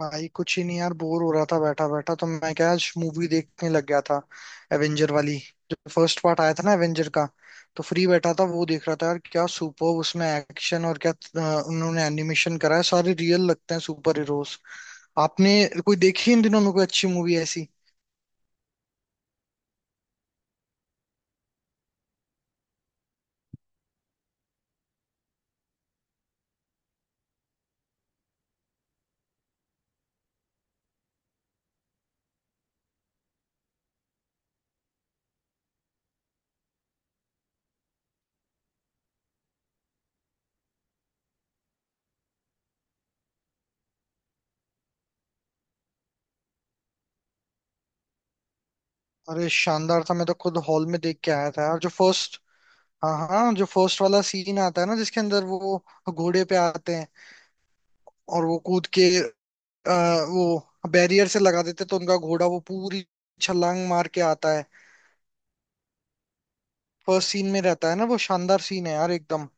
भाई कुछ ही नहीं यार बोर हो रहा था बैठा बैठा तो मैं क्या आज मूवी देखने लग गया था। एवेंजर वाली। जो फर्स्ट पार्ट आया था ना एवेंजर का। तो फ्री बैठा था वो देख रहा था यार क्या सुपर उसमें एक्शन और क्या उन्होंने एनिमेशन करा है सारे रियल लगते हैं सुपर हीरोज। आपने कोई देखी इन दिनों में कोई अच्छी मूवी ऐसी? अरे शानदार था मैं तो खुद हॉल में देख के आया था यार जो फर्स्ट। हाँ हाँ, जो फर्स्ट वाला सीन आता है ना जिसके अंदर वो घोड़े पे आते हैं और वो कूद के अ, वो बैरियर से लगा देते तो उनका घोड़ा वो पूरी छलांग मार के आता है। फर्स्ट सीन में रहता है ना, वो शानदार सीन है यार एकदम।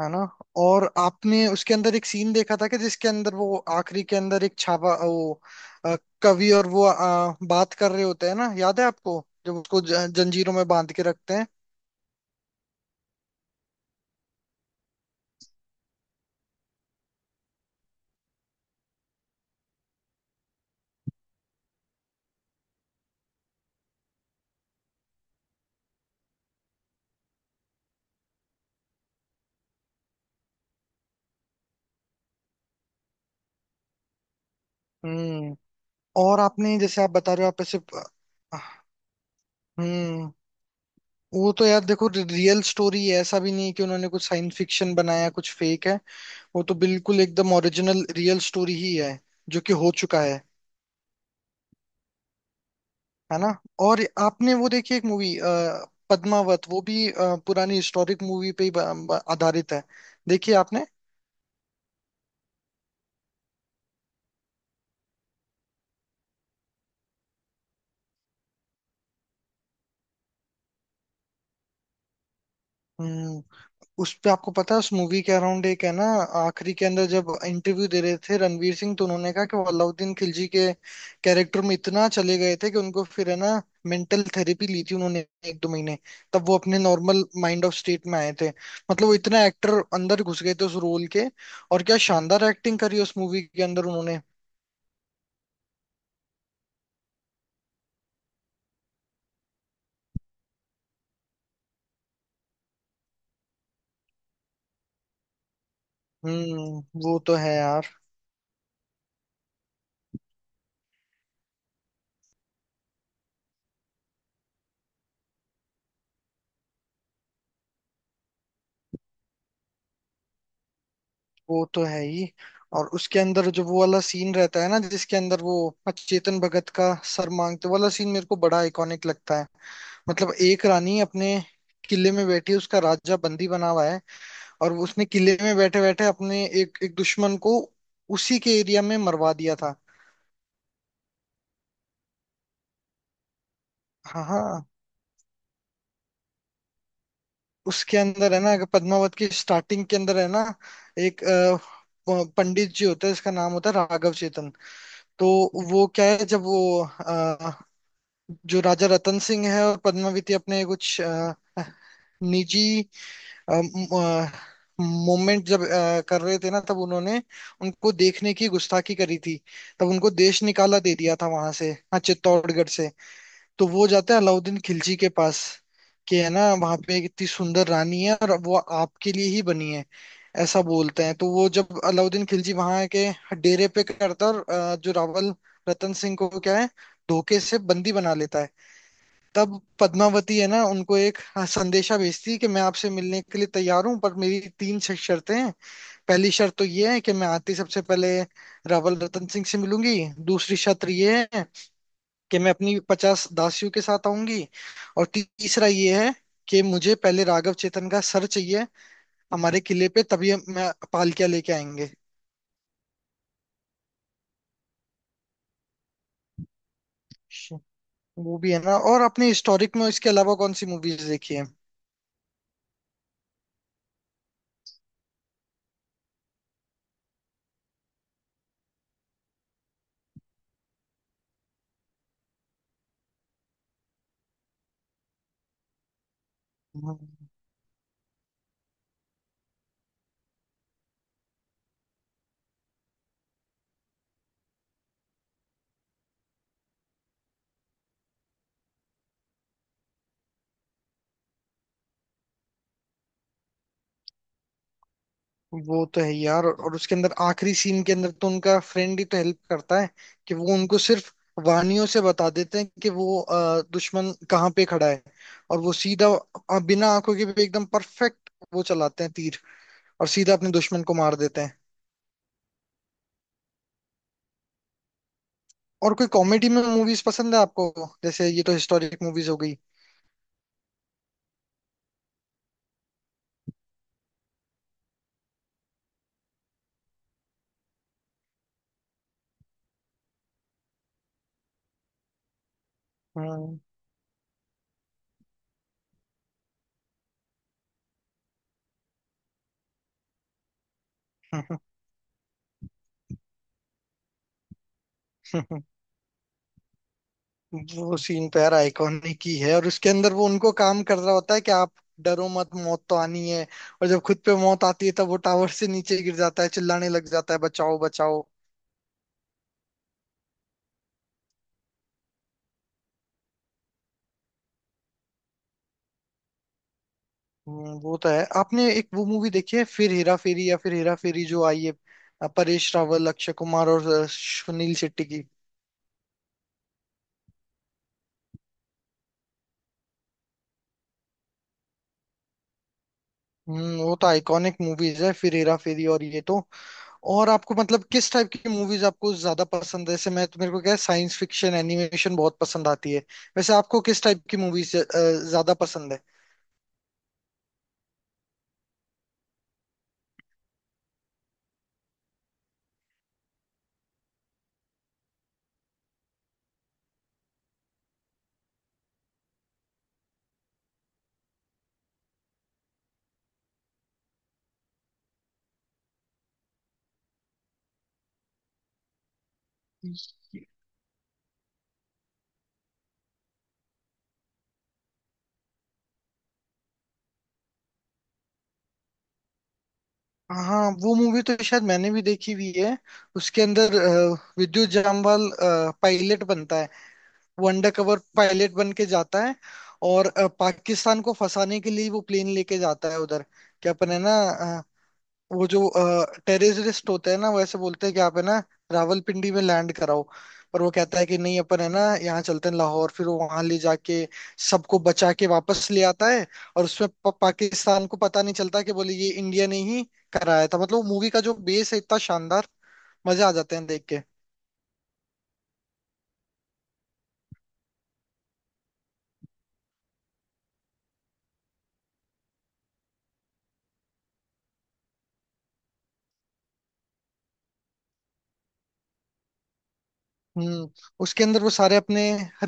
है ना? और आपने उसके अंदर एक सीन देखा था कि जिसके अंदर वो आखिरी के अंदर एक छापा वो अ, कवि और वो बात कर रहे होते हैं ना, याद है आपको जब उसको जंजीरों में बांध के रखते हैं? हम्म। और आपने जैसे आप बता रहे हो आप ऐसे। हम्म। वो तो यार देखो रियल स्टोरी है, ऐसा भी नहीं है कि उन्होंने कुछ साइंस फिक्शन बनाया कुछ फेक है। वो तो बिल्कुल एकदम ओरिजिनल रियल स्टोरी ही है जो कि हो चुका है। है ना? और आपने वो देखी एक मूवी पद्मावत, वो भी पुरानी हिस्टोरिक मूवी पे ही आधारित है। देखिए आपने। हम्म, उस पे आपको पता है उस मूवी के अराउंड एक है ना। आखिरी के अंदर जब इंटरव्यू दे रहे थे रणवीर सिंह, तो उन्होंने कहा कि वो अलाउद्दीन खिलजी के कैरेक्टर में इतना चले गए थे कि उनको फिर है ना मेंटल थेरेपी ली थी उन्होंने एक दो महीने। तब वो अपने नॉर्मल माइंड ऑफ स्टेट में आए थे। मतलब वो इतना एक्टर अंदर घुस गए थे उस रोल के। और क्या शानदार एक्टिंग करी उस मूवी के अंदर उन्होंने। हम्म, वो तो है यार। वो तो है ही। और उसके अंदर जो वो वाला सीन रहता है ना जिसके अंदर वो चेतन भगत का सर मांगते, वो वाला सीन मेरे को बड़ा आइकॉनिक लगता है। मतलब एक रानी अपने किले में बैठी है, उसका राजा बंदी बना हुआ है, और वो उसने किले में बैठे बैठे अपने एक एक दुश्मन को उसी के एरिया में मरवा दिया था। हाँ हाँ, उसके अंदर है ना, अगर पद्मावत की स्टार्टिंग के अंदर है ना, एक पंडित जी होता है, इसका नाम होता है राघव चेतन। तो वो क्या है जब वो जो राजा रतन सिंह है और पद्मावती अपने कुछ निजी मोमेंट जब कर रहे थे ना, तब उन्होंने उनको देखने की गुस्ताखी करी थी। तब उनको देश निकाला दे दिया था वहां से, हाँ, चित्तौड़गढ़ से। तो वो जाते हैं अलाउद्दीन खिलजी के पास कि है ना वहां पे एक इतनी सुंदर रानी है और वो आपके लिए ही बनी है ऐसा बोलते हैं, तो वो जब अलाउद्दीन खिलजी वहां के डेरे पे करता है और जो रावल रतन सिंह को क्या है धोखे से बंदी बना लेता है। तब पद्मावती है ना उनको एक, हाँ, संदेशा भेजती है कि मैं आपसे मिलने के लिए तैयार हूँ पर मेरी तीन शर्तें हैं। पहली शर्त तो ये है कि मैं आती सबसे पहले रावल रतन सिंह से मिलूंगी। दूसरी शर्त ये है कि मैं अपनी 50 दासियों के साथ आऊंगी। और तीसरा ये है कि मुझे पहले राघव चेतन का सर चाहिए हमारे किले पे, तभी मैं पालकिया लेके आएंगे। वो भी है ना। और अपने हिस्टोरिक में इसके अलावा कौन सी मूवीज देखी है? वो तो है यार, और उसके अंदर आखिरी सीन के अंदर तो उनका फ्रेंड ही तो हेल्प करता है कि वो उनको सिर्फ वानियों से बता देते हैं कि वो दुश्मन कहाँ पे खड़ा है। और वो सीधा बिना आंखों के भी एकदम परफेक्ट वो चलाते हैं तीर, और सीधा अपने दुश्मन को मार देते हैं। और कोई कॉमेडी में मूवीज पसंद है आपको? जैसे ये तो हिस्टोरिक मूवीज हो गई। हम्म। वो सीन पैर आइकॉनिक ही है, और उसके अंदर वो उनको काम कर रहा होता है कि आप डरो मत मौत तो आनी है, और जब खुद पे मौत आती है तब वो टावर से नीचे गिर जाता है, चिल्लाने लग जाता है बचाओ बचाओ। वो तो है। आपने एक वो मूवी देखी है फिर हेरा फेरी या फिर हेरा फेरी जो आई है, परेश रावल, अक्षय कुमार और सुनील शेट्टी की? हम्म, वो तो आइकॉनिक मूवीज है फिर हेरा फेरी, और ये तो। और आपको मतलब किस टाइप की मूवीज आपको ज्यादा पसंद है? जैसे मैं तो मेरे को क्या, साइंस फिक्शन एनिमेशन बहुत पसंद आती है। वैसे आपको किस टाइप की मूवीज ज्यादा पसंद है? हाँ, वो मूवी तो शायद मैंने भी देखी हुई है। उसके अंदर विद्युत जामवाल पायलट बनता है। वो अंडर कवर पायलट बन के जाता है, और पाकिस्तान को फंसाने के लिए वो प्लेन लेके जाता है उधर। क्या अपन है ना। वो जो टेररिस्ट होते हैं ना, वो ऐसे बोलते हैं कि आप है ना रावलपिंडी में लैंड कराओ, पर वो कहता है कि नहीं, अपन है ना यहाँ चलते हैं लाहौर, फिर वो वहां ले जाके सबको बचा के वापस ले आता है। और उसमें पाकिस्तान को पता नहीं चलता कि बोले ये इंडिया ने ही कराया था। मतलब मूवी का जो बेस है इतना शानदार, मजे आ जाते हैं देख के। हम्म। उसके अंदर वो सारे अपने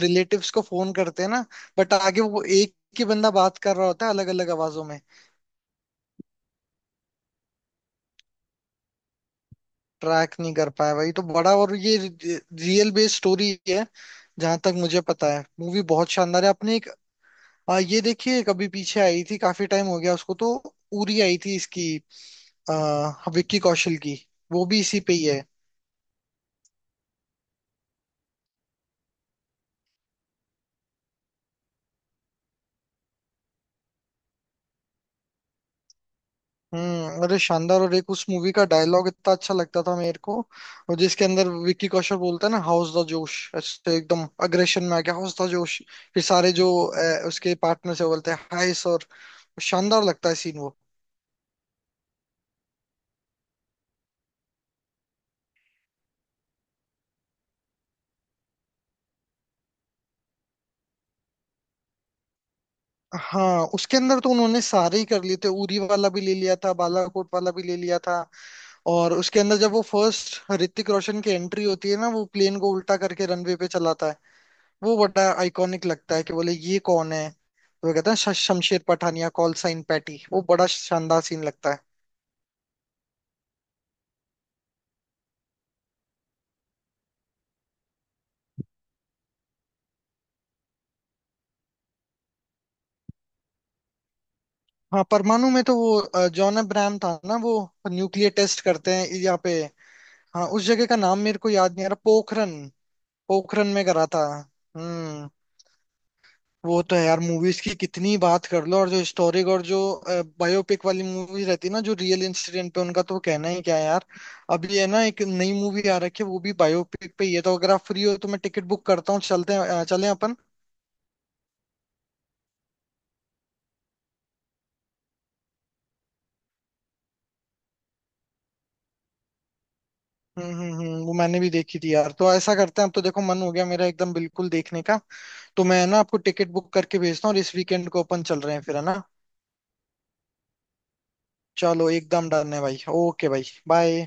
रिलेटिव्स को फोन करते हैं ना, बट आगे वो एक ही बंदा बात कर रहा होता है अलग अलग आवाजों में। ट्रैक नहीं कर पाया भाई तो बड़ा, और ये रियल बेस्ड स्टोरी है जहां तक मुझे पता है। मूवी बहुत शानदार है। आपने एक ये देखिए, कभी पीछे आई थी, काफी टाइम हो गया उसको तो, उरी आई थी इसकी, विक्की कौशल की? वो भी इसी पे ही है। हम्म, अरे शानदार! और एक उस मूवी का डायलॉग इतना अच्छा लगता था मेरे को, और जिसके अंदर विक्की कौशल बोलता है ना हाउस द जोश, ऐसे एकदम अग्रेशन में आ गया हाउस द जोश, फिर सारे जो उसके पार्टनर से बोलते हैं हाय सर। शानदार लगता है सीन वो। हाँ, उसके अंदर तो उन्होंने सारे ही कर लिए थे, उरी वाला भी ले लिया था, बालाकोट वाला भी ले लिया था। और उसके अंदर जब वो फर्स्ट ऋतिक रोशन की एंट्री होती है ना, वो प्लेन को उल्टा करके रनवे पे चलाता है, वो बड़ा आइकॉनिक लगता है कि बोले ये कौन है, तो वो कहता है Shamsher Pathania, call sign Patty", वो बड़ा शानदार सीन लगता है। हाँ, परमाणु में तो वो जॉन अब्राहम था ना, वो न्यूक्लियर टेस्ट करते हैं यहाँ पे। हाँ उस जगह का नाम मेरे को याद नहीं आ रहा, पोखरन। पोखरन में करा था। हम्म, वो तो है यार। मूवीज की कितनी बात कर लो, और जो हिस्टोरिक और जो बायोपिक वाली मूवीज रहती है ना जो रियल इंसिडेंट पे, उनका तो कहना ही क्या है यार। अभी है ना एक नई मूवी आ रखी है, वो भी बायोपिक पे ही है, तो अगर आप फ्री हो तो मैं टिकट बुक करता हूँ, चलते हैं, चलें अपन? वो मैंने भी देखी थी यार। तो ऐसा करते हैं, अब तो देखो मन हो गया मेरा एकदम बिल्कुल देखने का। तो मैं ना आपको टिकट बुक करके भेजता हूँ और इस वीकेंड को अपन चल रहे हैं, फिर है ना? चलो एकदम डन है भाई, ओके, भाई बाय।